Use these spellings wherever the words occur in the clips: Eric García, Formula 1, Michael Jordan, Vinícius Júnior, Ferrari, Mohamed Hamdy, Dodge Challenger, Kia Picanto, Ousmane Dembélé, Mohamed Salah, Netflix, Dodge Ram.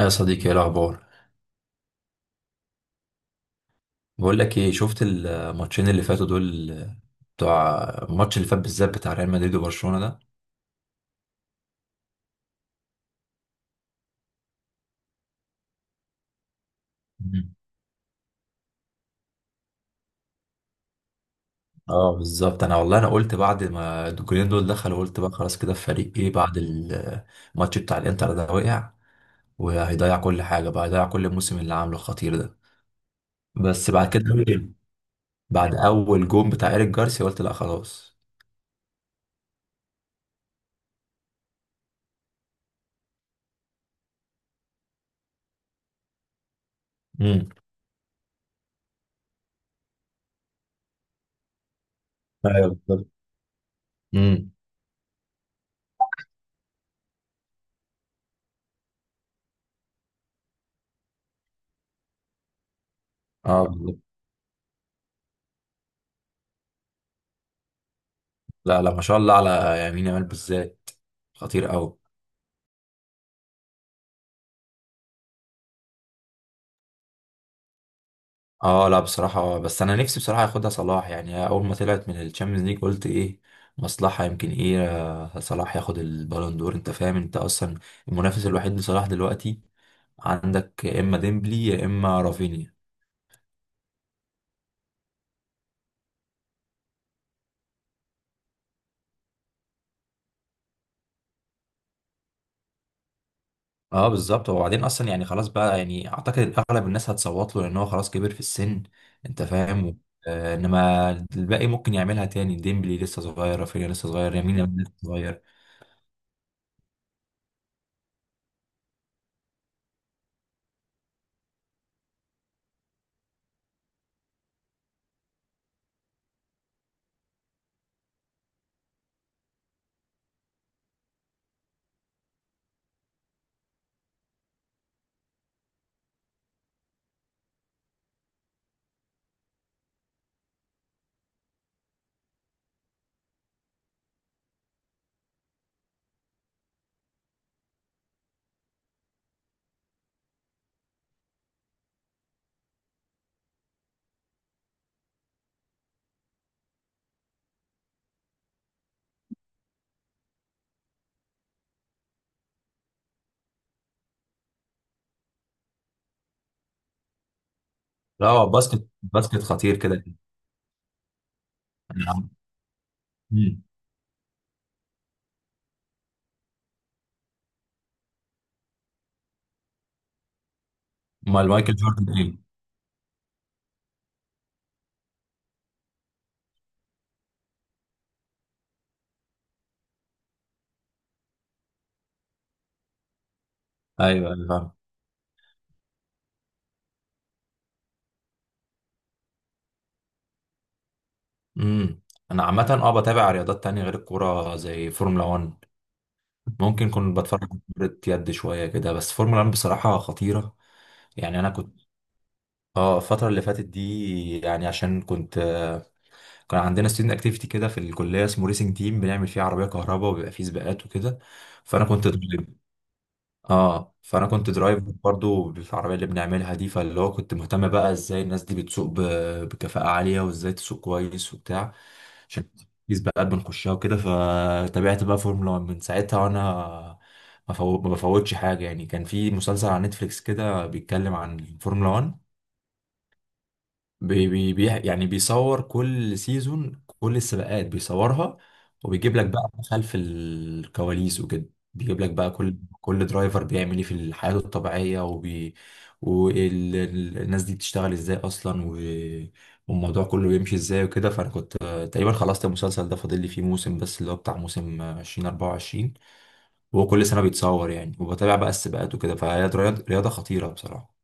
يا صديقي ايه الاخبار؟ بقول لك ايه، شفت الماتشين اللي فاتوا دول؟ بتوع الماتش اللي فات بالذات، بتاع ريال مدريد وبرشلونة ده. مم. اه بالظبط. انا والله انا قلت بعد ما الجولين دول دخلوا، قلت بقى خلاص، كده الفريق ايه بعد الماتش بتاع الانتر ده وقع، وهيضيع كل حاجه، بقى هيضيع كل الموسم اللي عامله الخطير ده. بس بعد كده أوكي. بعد اول جون بتاع ايريك جارسيا قلت لا خلاص. امم. ايوه بالظبط. امم. اه بالظبط. لا لا ما شاء الله، على يمين يامال بالذات، خطير قوي. اه لا بصراحة بس انا نفسي بصراحة ياخدها صلاح يعني. اول ما طلعت من الشامبيونز ليج قلت ايه، مصلحة، يمكن ايه صلاح ياخد البالون دور. انت فاهم انت اصلا؟ المنافس الوحيد لصلاح دلوقتي عندك، يا اما ديمبلي يا اما رافينيا. اه بالظبط. وبعدين اصلا يعني خلاص بقى، يعني اعتقد اغلب الناس هتصوت له لان هو خلاص كبر في السن. انت فاهم؟ آه انما الباقي ممكن يعملها تاني، ديمبلي لسه صغير، رافينيا لسه صغير، يمين يامال لسه صغير. لا هو باسكت، باسكت خطير كده. مم. امال مايكل جوردن ايه؟ ايوه ايوه فاهم. امم. انا عامه اه بتابع رياضات تانية غير الكوره، زي فورمولا 1. ممكن كنت بتفرج على كرة يد شويه كده، بس فورمولا 1 بصراحه خطيره. يعني انا كنت اه الفتره اللي فاتت دي يعني عشان كنت كان عندنا ستودنت اكتيفيتي كده في الكليه اسمه ريسنج تيم، بنعمل فيه عربيه كهرباء وبيبقى فيه سباقات وكده. فانا كنت ضد. اه فانا كنت درايف برضو بالعربيه اللي بنعملها دي، فاللي هو كنت مهتم بقى ازاي الناس دي بتسوق بكفاءه عاليه، وازاي تسوق كويس وبتاع، عشان سباقات بنخشها وكده. فتابعت بقى فورمولا 1 من ساعتها، وانا ما بفوتش حاجه يعني. كان في مسلسل على نتفليكس كده بيتكلم عن الفورمولا 1، يعني بيصور كل سيزون، كل السباقات بيصورها، وبيجيب لك بقى خلف الكواليس وكده، بيجيب لك بقى كل درايفر بيعمل ايه في حياته الطبيعية، وبي والناس دي بتشتغل ازاي اصلا، و... والموضوع كله بيمشي ازاي وكده. فانا كنت تقريبا خلصت المسلسل ده، فاضل لي فيه موسم بس، اللي هو بتاع موسم 2024. وهو كل سنة بيتصور يعني، وبتابع بقى السباقات وكده. فهي رياضة خطيرة بصراحة.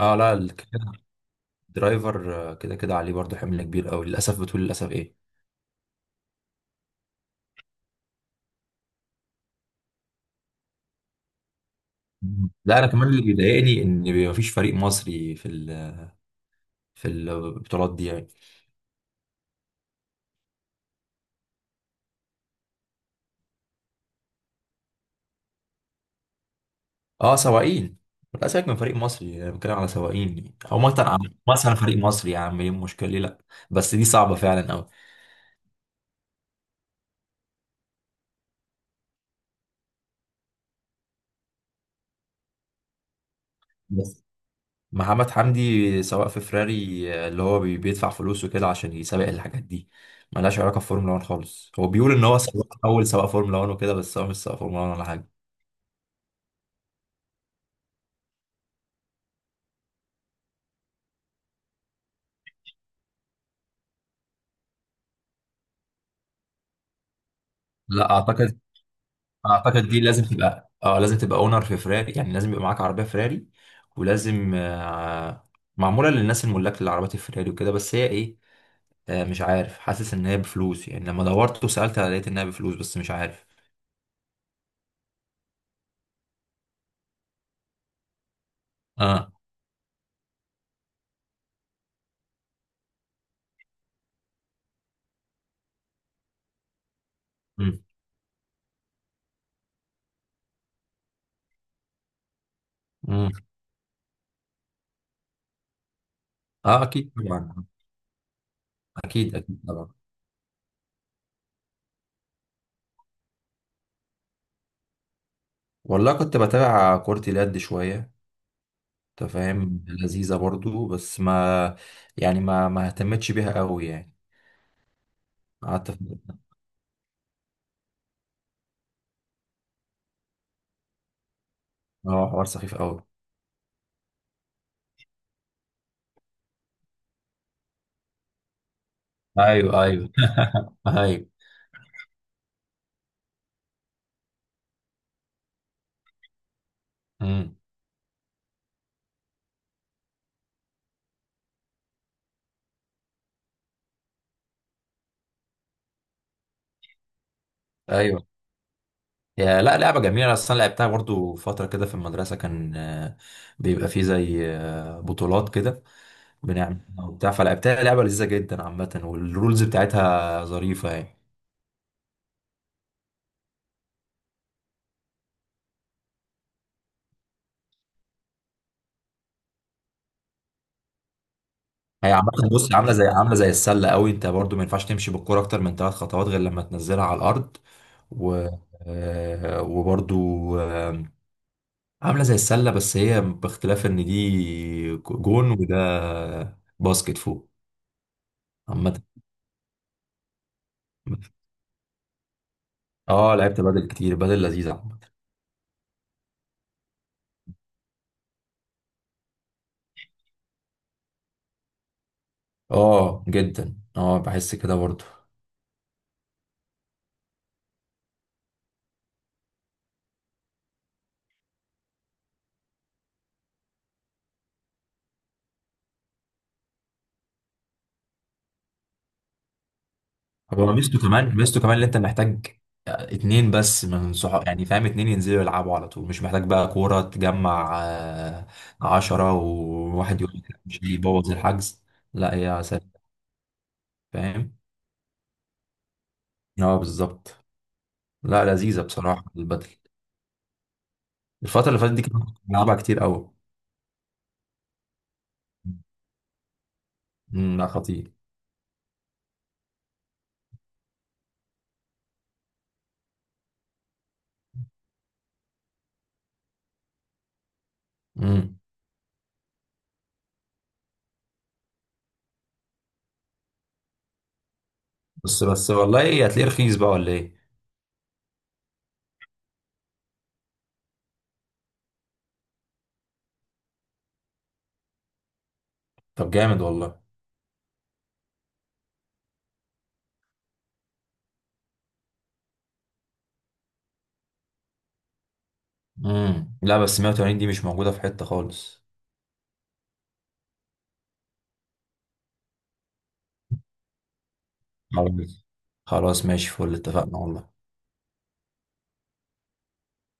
اه لا درايفر كده كده عليه برضه حمل كبير قوي للاسف. بتقول للاسف ايه؟ مم. لا انا كمان اللي بيضايقني ان بيبقى مفيش فريق مصري في ال، في البطولات دي يعني. اه سواقين. لا سيبك من فريق مصري، انا بتكلم على سواقين يعني. او مثلا مثلا فريق مصري، يا عم ايه المشكله؟ ليه لا؟ بس دي صعبه فعلا قوي. بس محمد حمدي سواق في فراري اللي هو بيدفع فلوسه كده عشان يسابق الحاجات دي، ملهاش علاقه بفورمولا 1 خالص. هو بيقول ان هو سواق، اول سواق فورمولا 1 وكده، بس هو مش سواق فورمولا 1 ولا حاجه. لا اعتقد، اعتقد دي لازم تبقى اه لازم تبقى اونر في فراري، يعني لازم يبقى معاك عربيه فراري، ولازم معموله للناس الملاك للعربيات الفراري وكده. بس هي ايه مش عارف، حاسس ان هي بفلوس يعني. لما دورت وسالت لقيت انها بفلوس، بس مش عارف. اه. امم. امم. اه اكيد طبعا. اكيد اكيد طبعا. والله كنت بتابع كرة اليد شويه. انت فاهم لذيذه برضو، بس ما، يعني ما اهتمتش بيها قوي يعني. قعدت اه حوار سخيف قوي. ايوه ايوه. ايوه. امم. ايوه يا، لا لعبه جميله اصلا، لعبتها برضو فتره كده في المدرسه، كان بيبقى فيه زي بطولات كده بنعمل وبتاع، فلعبتها لعبه لذيذه جدا عامه، والرولز بتاعتها ظريفه يعني. هي عامه بص، عامله زي، عامله زي السله قوي، انت برضو ما ينفعش تمشي بالكوره اكتر من ثلاث خطوات غير لما تنزلها على الارض، و وبرضو عامله زي السله، بس هي باختلاف ان دي جون وده باسكت فوق. عامه اه لعبت بدل كتير، بدل لذيذة عامة. اه جدا، اه بحس كده برضه. هو ميزته كمان، ميزته كمان اللي انت محتاج اتنين بس من صحاب يعني، فاهم، اتنين ينزلوا يلعبوا على طول، مش محتاج بقى كورة تجمع عشرة، وواحد يقول لك مش، يبوظ الحجز. لا هي سهلة. فاهم؟ اه بالظبط. لا لذيذة بصراحة البدل. الفترة اللي فاتت دي كنت بلعبها كتير قوي. امم. لا خطير. امم. بس بس والله ايه، هتلاقيه رخيص بقى ولا ايه؟ طب جامد والله. امم. لا بس 180 دي مش موجودة في حتة خالص. خلاص. خلاص ماشي فل، اتفقنا والله.